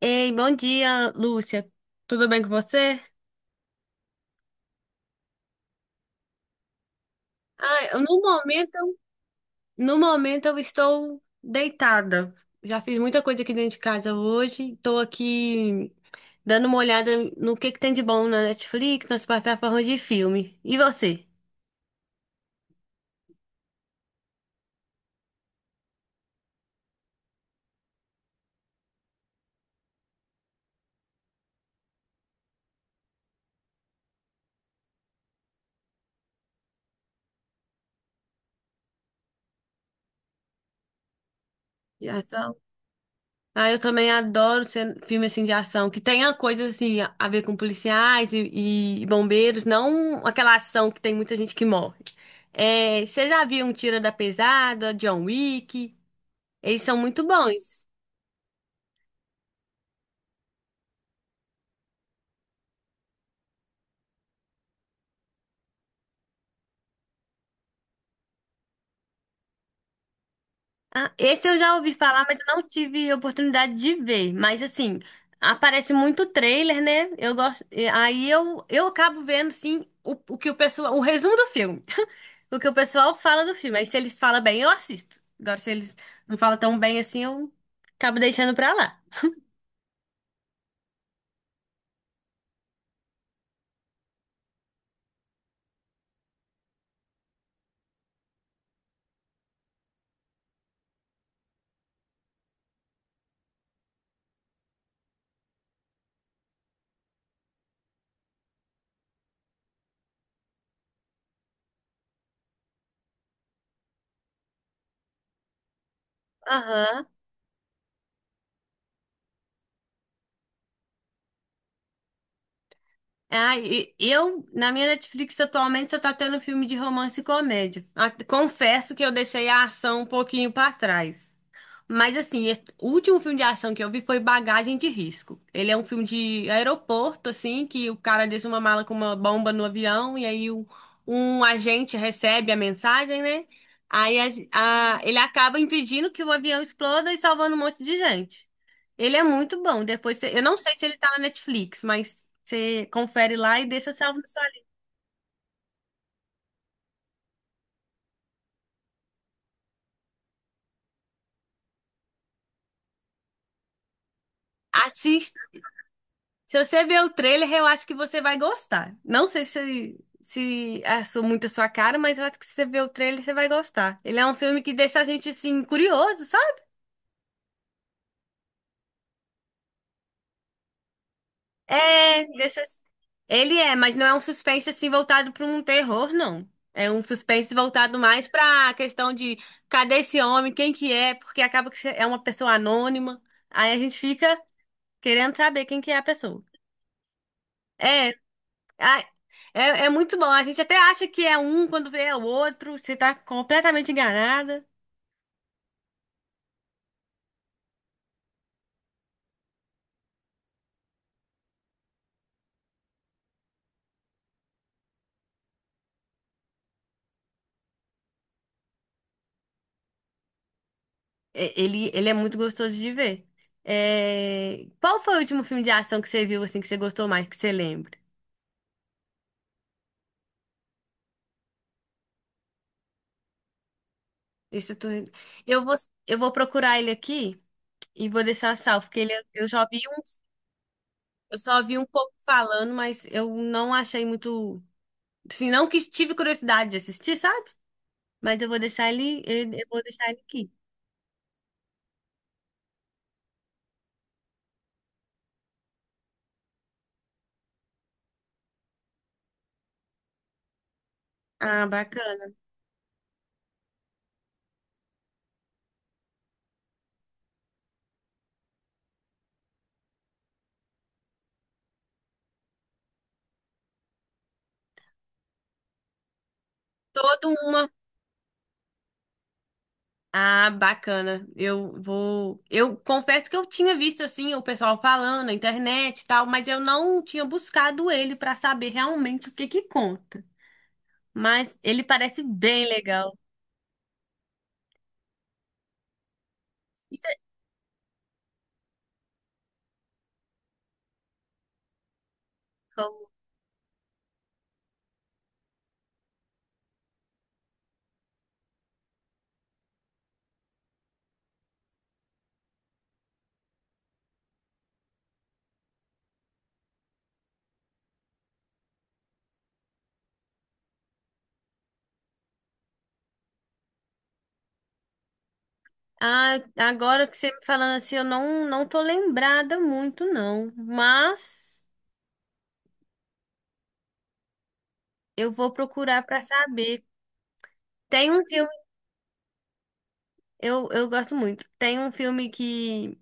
Ei, bom dia, Lúcia. Tudo bem com você? No momento, no momento eu estou deitada. Já fiz muita coisa aqui dentro de casa hoje. Estou aqui dando uma olhada no que tem de bom na Netflix, nas plataformas de filme. E você? Já são. Ah, eu também adoro filme assim de ação, que tenha coisas assim a ver com policiais e bombeiros, não aquela ação que tem muita gente que morre. É, você já viu um Tira da Pesada, John Wick? Eles são muito bons. Ah, esse eu já ouvi falar, mas eu não tive oportunidade de ver. Mas assim, aparece muito trailer, né? Eu gosto. Aí eu acabo vendo sim o que o pessoal, o resumo do filme. O que o pessoal fala do filme. Aí se eles falam bem, eu assisto. Agora, se eles não falam tão bem assim, eu acabo deixando pra lá. Aham. Na minha Netflix atualmente, só tá tendo filme de romance e comédia. Ah, confesso que eu deixei a ação um pouquinho pra trás. O último filme de ação que eu vi foi Bagagem de Risco. Ele é um filme de aeroporto, assim, que o cara deixa uma mala com uma bomba no avião e um agente recebe a mensagem, né? Ele acaba impedindo que o avião exploda e salvando um monte de gente. Ele é muito bom. Eu não sei se ele tá na Netflix, mas você confere lá e deixa salvo no seu. Se você ver o trailer, eu acho que você vai gostar. Não sei se muito a sua cara, mas eu acho que se você ver o trailer, você vai gostar. Ele é um filme que deixa a gente, assim, curioso, sabe? É, deixa... Ele é, mas não é um suspense, assim, voltado para um terror, não. É um suspense voltado mais para a questão de cadê esse homem, quem que é, porque acaba que você é uma pessoa anônima. Aí a gente fica querendo saber quem que é a pessoa. É, Ah, É, é muito bom. A gente até acha que é um, quando vê é o outro. Você tá completamente enganada. Ele, ele é muito gostoso de ver. É, qual foi o último filme de ação que você viu assim que você gostou mais, que você lembra? Isso tu... Eu vou, eu vou procurar ele aqui e vou deixar salvo, porque eu já vi uns, eu só vi um pouco falando, mas eu não achei muito, assim, não que tive curiosidade de assistir, sabe? Mas eu vou deixar ele. Eu vou deixar ele aqui. Ah, bacana. Toda uma Ah, bacana. Eu vou. Eu confesso que eu tinha visto assim o pessoal falando na internet e tal, mas eu não tinha buscado ele pra saber realmente o que que conta. Mas ele parece bem legal. Isso é- Ah, agora que você me falando assim, eu não tô lembrada muito não, mas eu vou procurar pra saber. Tem um filme, Eu gosto muito. Tem um filme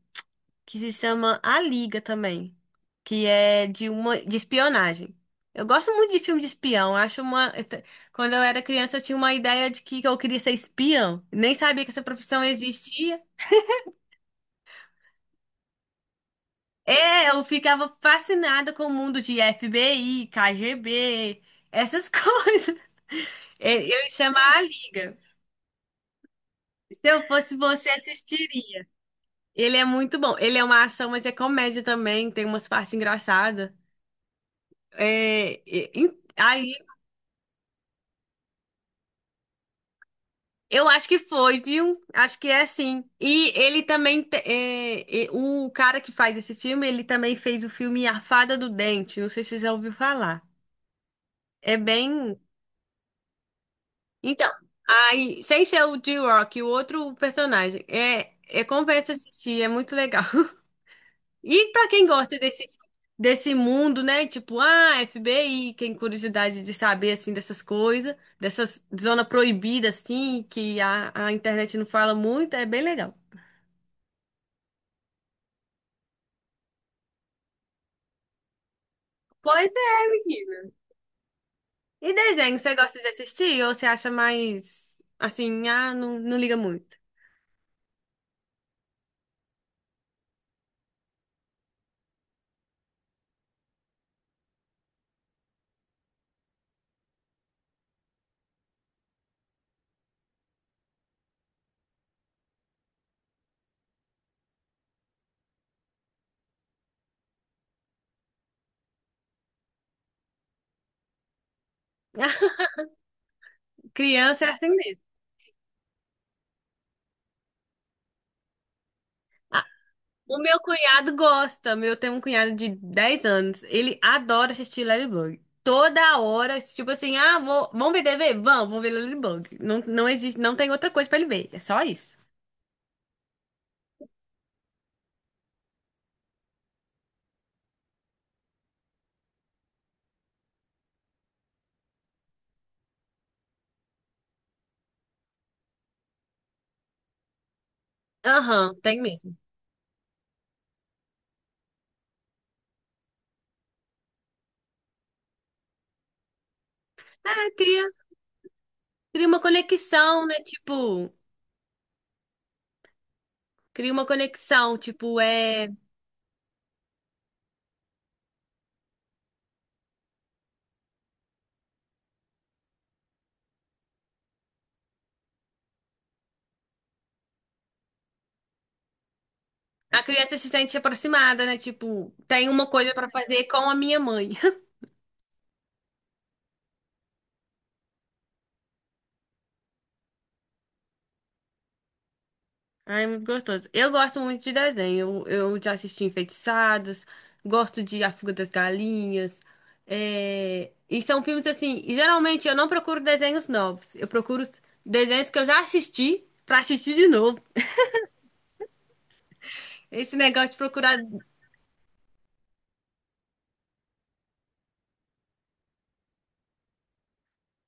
que se chama A Liga também, que é de uma de espionagem. Eu gosto muito de filme de espião. Eu acho uma quando eu era criança eu tinha uma ideia de que eu queria ser espião. Nem sabia que essa profissão existia. É, eu ficava fascinada com o mundo de FBI, KGB, essas coisas. Ele chama A Liga. Se eu fosse você, assistiria. Ele é muito bom. Ele é uma ação, mas é comédia também. Tem umas partes engraçadas. É, e- e- ai, Eu acho que foi, viu? Acho que é sim. E ele também, o cara que faz esse filme, ele também fez o filme Arfada do Dente. Não sei se você já ouviu falar. É bem. Então, aí, sem ser o J-Rock, o outro personagem. Compensa assistir, é muito legal. E pra quem gosta desse mundo, né? Tipo, ah, FBI, quem curiosidade de saber assim dessas coisas, dessas zona proibida assim, que a internet não fala muito, é bem legal. Pois é, menina. E desenho, você gosta de assistir ou você acha mais assim, ah, não, não liga muito? Criança é assim mesmo. O meu cunhado gosta. Meu, tem um cunhado de 10 anos. Ele adora assistir Ladybug. Toda hora, tipo assim, ah, vou, vamos ver TV? Vamos, vamos ver Ladybug. Não, não existe, não tem outra coisa pra ele ver. É só isso. Aham, tem mesmo. Ah, cria, Cria uma conexão, né? Tipo, cria uma conexão, tipo, é a criança se sente aproximada, né? Tipo, tem uma coisa pra fazer com a minha mãe. Ai, muito gostoso. Eu gosto muito de desenho. Eu já assisti Enfeitiçados, gosto de A Fuga das Galinhas. E são filmes assim. Geralmente eu não procuro desenhos novos. Eu procuro os desenhos que eu já assisti pra assistir de novo. Esse negócio de procurar.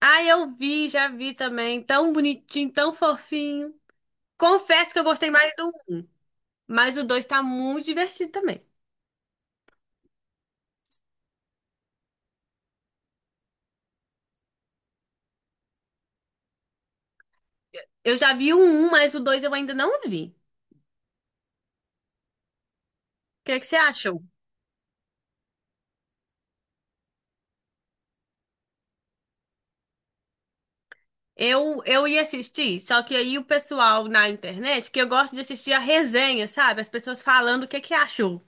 Ah, eu vi, já vi também. Tão bonitinho, tão fofinho. Confesso que eu gostei mais do um, mas o dois tá muito divertido também. Eu já vi o um, mas o dois eu ainda não vi. O que é que você achou? Eu ia assistir, só que aí o pessoal na internet, que eu gosto de assistir a resenha, sabe? As pessoas falando o que é que achou.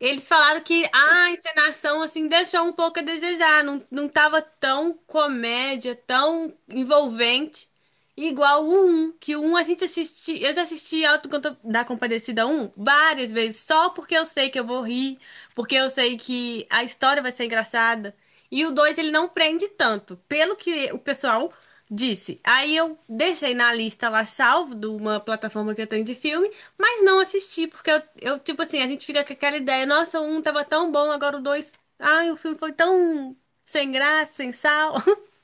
Eles falaram que ah, a encenação, assim, deixou um pouco a desejar. Não tava tão comédia, tão envolvente. Igual o 1, que o 1 a gente assiste, eu já assisti Auto da Compadecida um várias vezes, só porque eu sei que eu vou rir, porque eu sei que a história vai ser engraçada. E o 2 ele não prende tanto, pelo que o pessoal disse. Aí eu deixei na lista lá salvo de uma plataforma que eu tenho de filme, mas não assisti, porque tipo assim, a gente fica com aquela ideia, nossa, o 1 tava tão bom, agora o 2, ai, o filme foi tão sem graça, sem sal.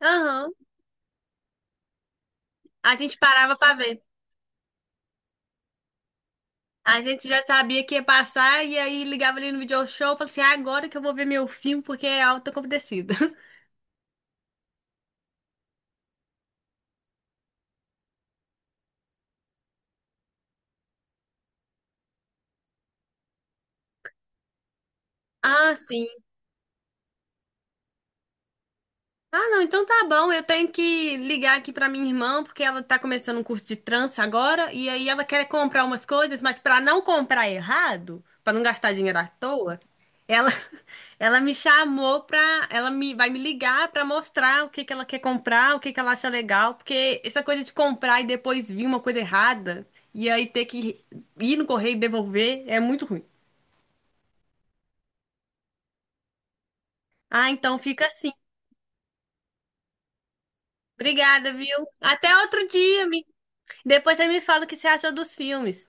Aham. A gente parava pra ver. A gente já sabia que ia passar e aí ligava ali no video show, e falava assim: "Ah, agora que eu vou ver meu filme porque é alta compadecida." Ah, sim. Ah, não, então tá bom. Eu tenho que ligar aqui pra minha irmã, porque ela tá começando um curso de trança agora, e aí ela quer comprar umas coisas, mas pra não comprar errado, pra não gastar dinheiro à toa, ela ela me chamou pra, ela me vai me ligar pra mostrar o que que ela quer comprar, o que que ela acha legal, porque essa coisa de comprar e depois vir uma coisa errada, e aí ter que ir no correio e devolver é muito ruim. Ah, então fica assim. Obrigada, viu? Até outro dia, depois você me fala o que você achou dos filmes.